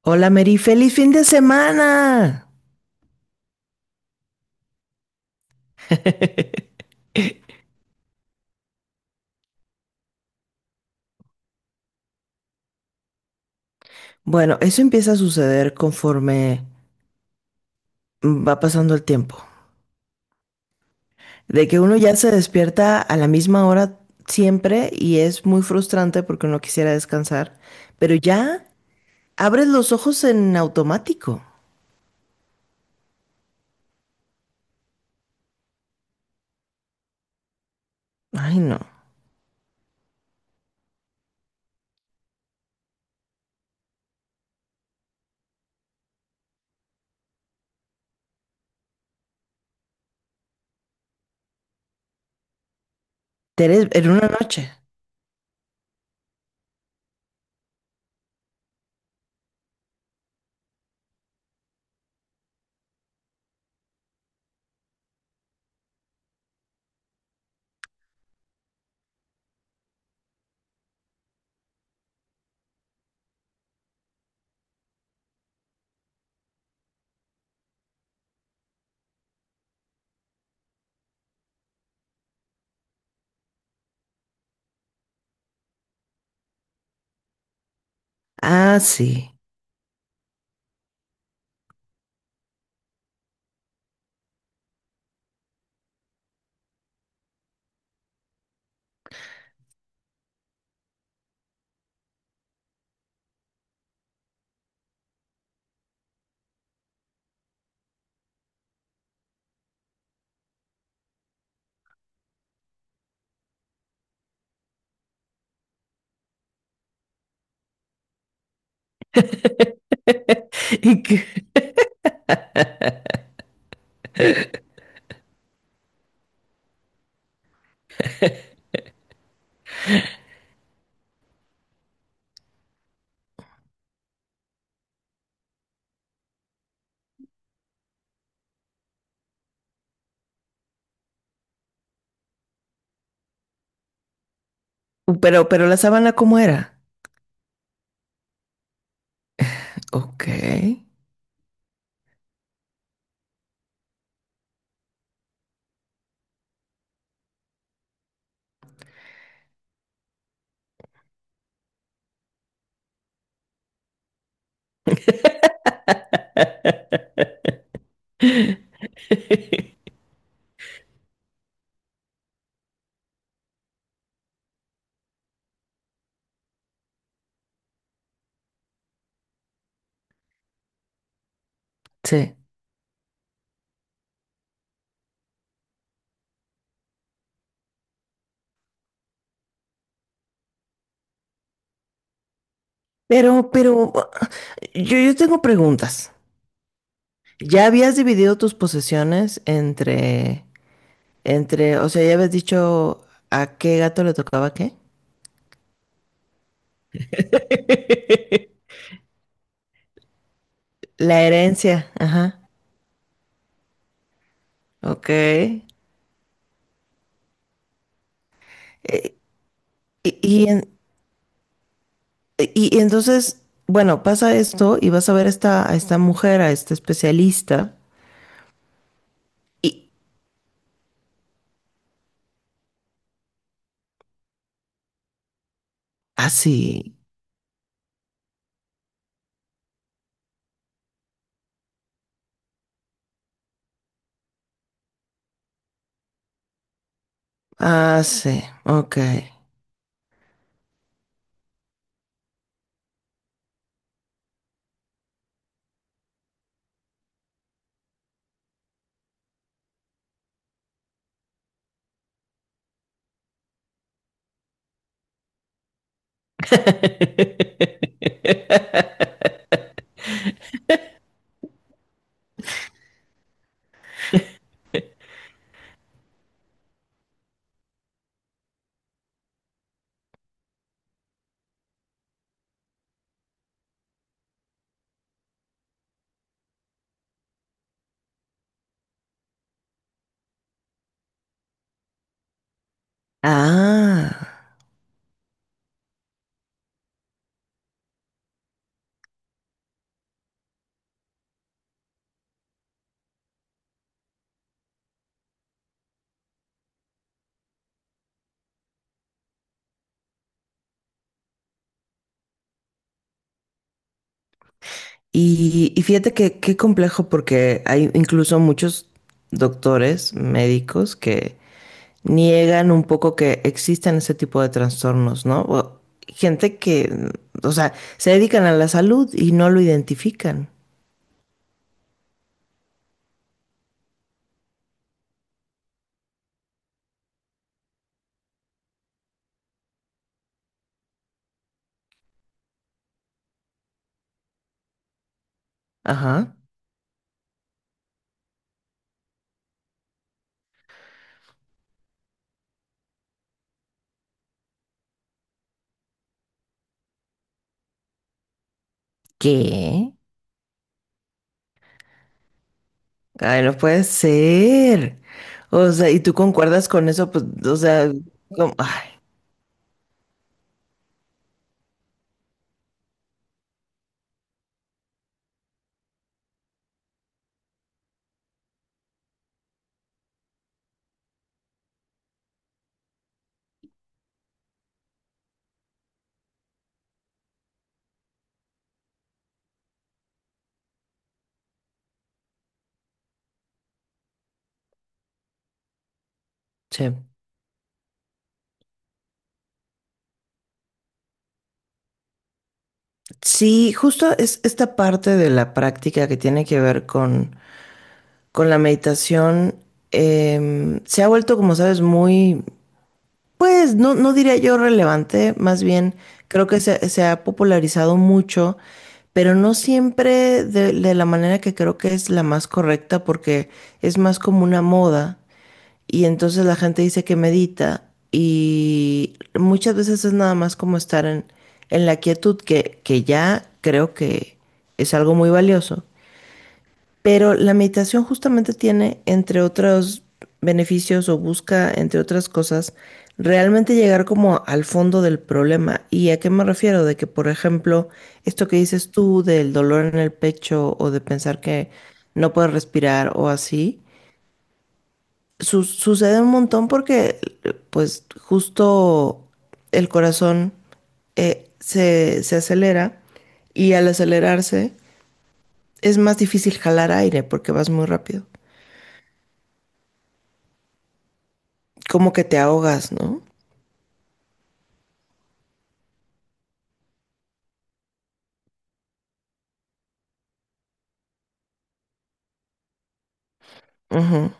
Hola Mary, feliz fin de semana. Bueno, eso empieza a suceder conforme va pasando el tiempo. De que uno ya se despierta a la misma hora siempre y es muy frustrante porque uno quisiera descansar, pero ya abres los ojos en automático. Ay, no. En una noche. Ah, sí. Y que- pero la sábana, ¿cómo era? Ok. Sí. Pero yo tengo preguntas. ¿Ya habías dividido tus posesiones entre, o sea, ya habías dicho a qué gato le tocaba qué? La herencia, ajá, ok. Y, y en- y entonces, bueno, pasa esto y vas a ver a esta mujer, a esta especialista. Y así, ah, sí, ah, sí, ok. Ah. Y fíjate que qué complejo porque hay incluso muchos doctores, médicos que niegan un poco que existen ese tipo de trastornos, ¿no? O gente que, o sea, se dedican a la salud y no lo identifican. Ajá. ¿Qué? Ay, no puede ser. O sea, ¿y tú concuerdas con eso? Pues, o sea, como- ay, sí. Sí, justo es esta parte de la práctica que tiene que ver con la meditación se ha vuelto, como sabes, muy, pues no, no diría yo relevante, más bien creo que se ha popularizado mucho, pero no siempre de la manera que creo que es la más correcta porque es más como una moda y entonces la gente dice que medita y muchas veces es nada más como estar en la quietud que ya creo que es algo muy valioso. Pero la meditación justamente tiene, entre otros beneficios o busca, entre otras cosas, realmente llegar como al fondo del problema. ¿Y a qué me refiero? De que, por ejemplo, esto que dices tú del dolor en el pecho o de pensar que no puedes respirar o así, sucede un montón porque, pues, justo el corazón se acelera y al acelerarse es más difícil jalar aire porque vas muy rápido. Como que te ahogas, ¿no? Ujú.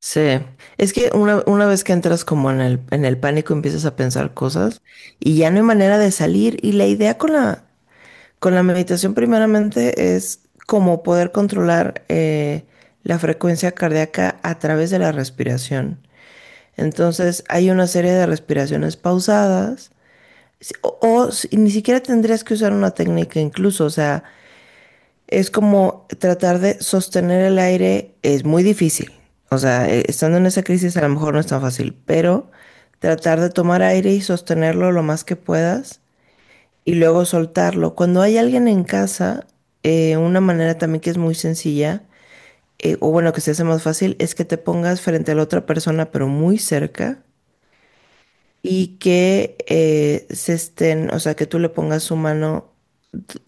Sí. Es que una vez que entras como en el pánico empiezas a pensar cosas y ya no hay manera de salir. Y la idea con la meditación primeramente es como poder controlar la frecuencia cardíaca a través de la respiración. Entonces hay una serie de respiraciones pausadas. O ni siquiera tendrías que usar una técnica incluso, o sea, es como tratar de sostener el aire es muy difícil. O sea, estando en esa crisis a lo mejor no es tan fácil, pero tratar de tomar aire y sostenerlo lo más que puedas y luego soltarlo. Cuando hay alguien en casa, una manera también que es muy sencilla, o bueno, que se hace más fácil, es que te pongas frente a la otra persona, pero muy cerca, y que se estén, o sea, que tú le pongas su mano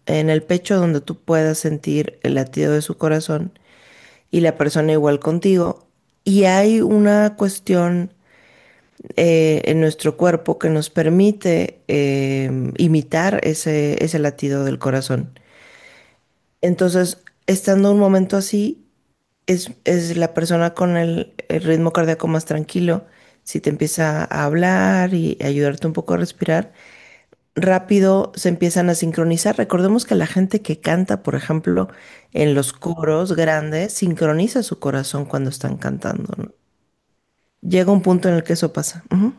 en el pecho donde tú puedas sentir el latido de su corazón y la persona igual contigo. Y hay una cuestión en nuestro cuerpo que nos permite imitar ese, ese latido del corazón. Entonces, estando un momento así, es la persona con el ritmo cardíaco más tranquilo. Si te empieza a hablar y ayudarte un poco a respirar, rápido se empiezan a sincronizar. Recordemos que la gente que canta, por ejemplo, en los coros grandes, sincroniza su corazón cuando están cantando, ¿no? Llega un punto en el que eso pasa. Ujú.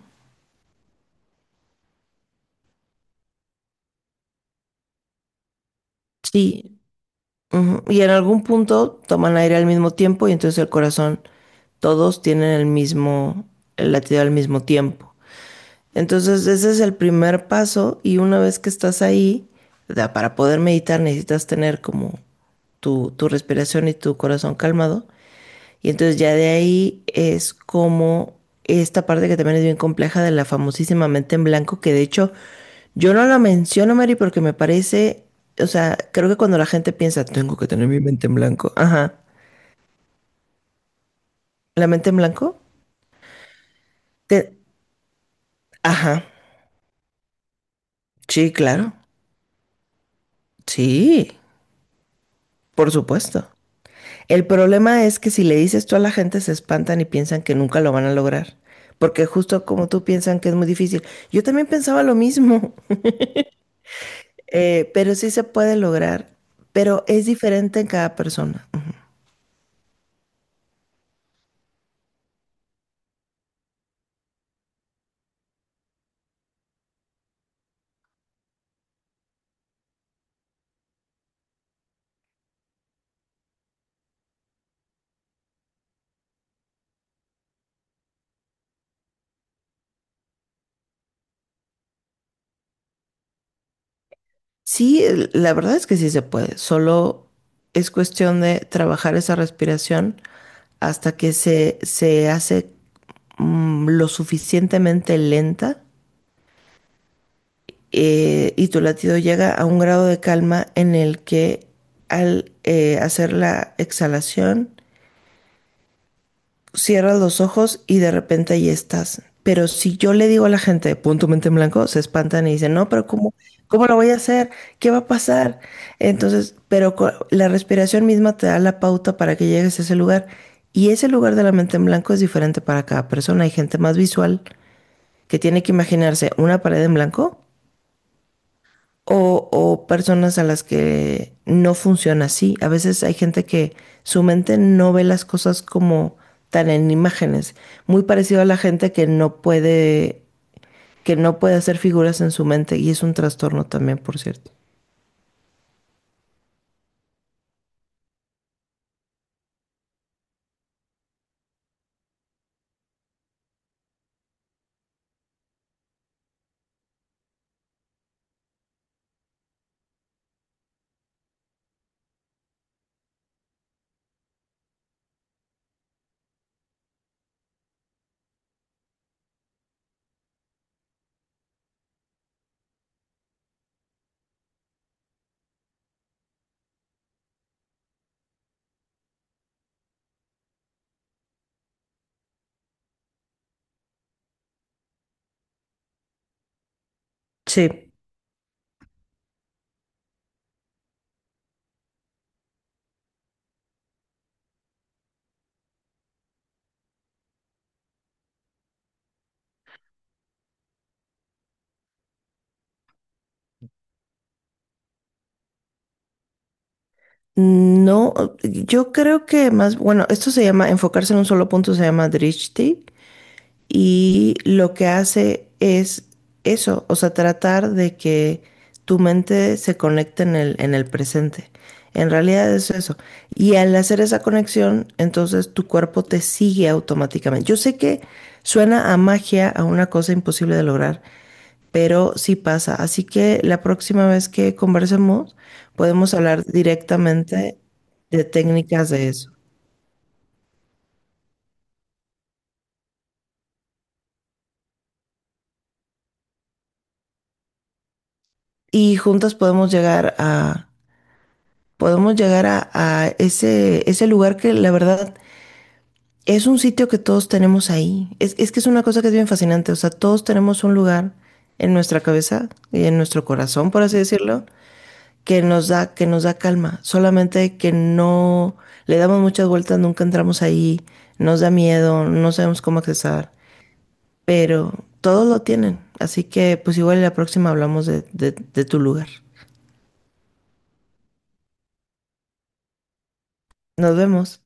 Sí, ujú. Y en algún punto toman aire al mismo tiempo y entonces el corazón, todos tienen el mismo, el latido al mismo tiempo. Entonces ese es el primer paso y una vez que estás ahí, para poder meditar necesitas tener como tu respiración y tu corazón calmado. Y entonces ya de ahí es como esta parte que también es bien compleja de la famosísima mente en blanco, que de hecho yo no la menciono, Mary, porque me parece, o sea, creo que cuando la gente piensa, tengo que tener mi mente en blanco, ajá, la mente en blanco, te- ajá, sí, claro, sí, por supuesto. El problema es que si le dices tú a la gente se espantan y piensan que nunca lo van a lograr, porque justo como tú piensan que es muy difícil, yo también pensaba lo mismo. Pero sí se puede lograr, pero es diferente en cada persona. Ujú. Sí, la verdad es que sí se puede, solo es cuestión de trabajar esa respiración hasta que se hace lo suficientemente lenta y tu latido llega a un grado de calma en el que al hacer la exhalación cierras los ojos y de repente ahí estás. Pero si yo le digo a la gente, punto mente en blanco, se espantan y dicen, no, pero ¿cómo, cómo lo voy a hacer? ¿Qué va a pasar? Entonces, pero la respiración misma te da la pauta para que llegues a ese lugar. Y ese lugar de la mente en blanco es diferente para cada persona. Hay gente más visual que tiene que imaginarse una pared en blanco o personas a las que no funciona así. A veces hay gente que su mente no ve las cosas como tan en imágenes. Muy parecido a la gente que no puede hacer figuras en su mente y es un trastorno también, por cierto. Sí. No, yo creo que más, bueno, esto se llama, enfocarse en un solo punto se llama drishti y lo que hace es eso, o sea, tratar de que tu mente se conecte en el presente. En realidad es eso. Y al hacer esa conexión, entonces tu cuerpo te sigue automáticamente. Yo sé que suena a magia, a una cosa imposible de lograr, pero sí pasa. Así que la próxima vez que conversemos, podemos hablar directamente de técnicas de eso. Y juntas podemos llegar a a ese, ese lugar que la verdad es un sitio que todos tenemos ahí. Es que es una cosa que es bien fascinante. O sea, todos tenemos un lugar en nuestra cabeza y en nuestro corazón, por así decirlo, que nos da calma. Solamente que no le damos muchas vueltas, nunca entramos ahí, nos da miedo, no sabemos cómo accesar. Pero todos lo tienen. Así que pues igual la próxima hablamos de, de tu lugar. Nos vemos.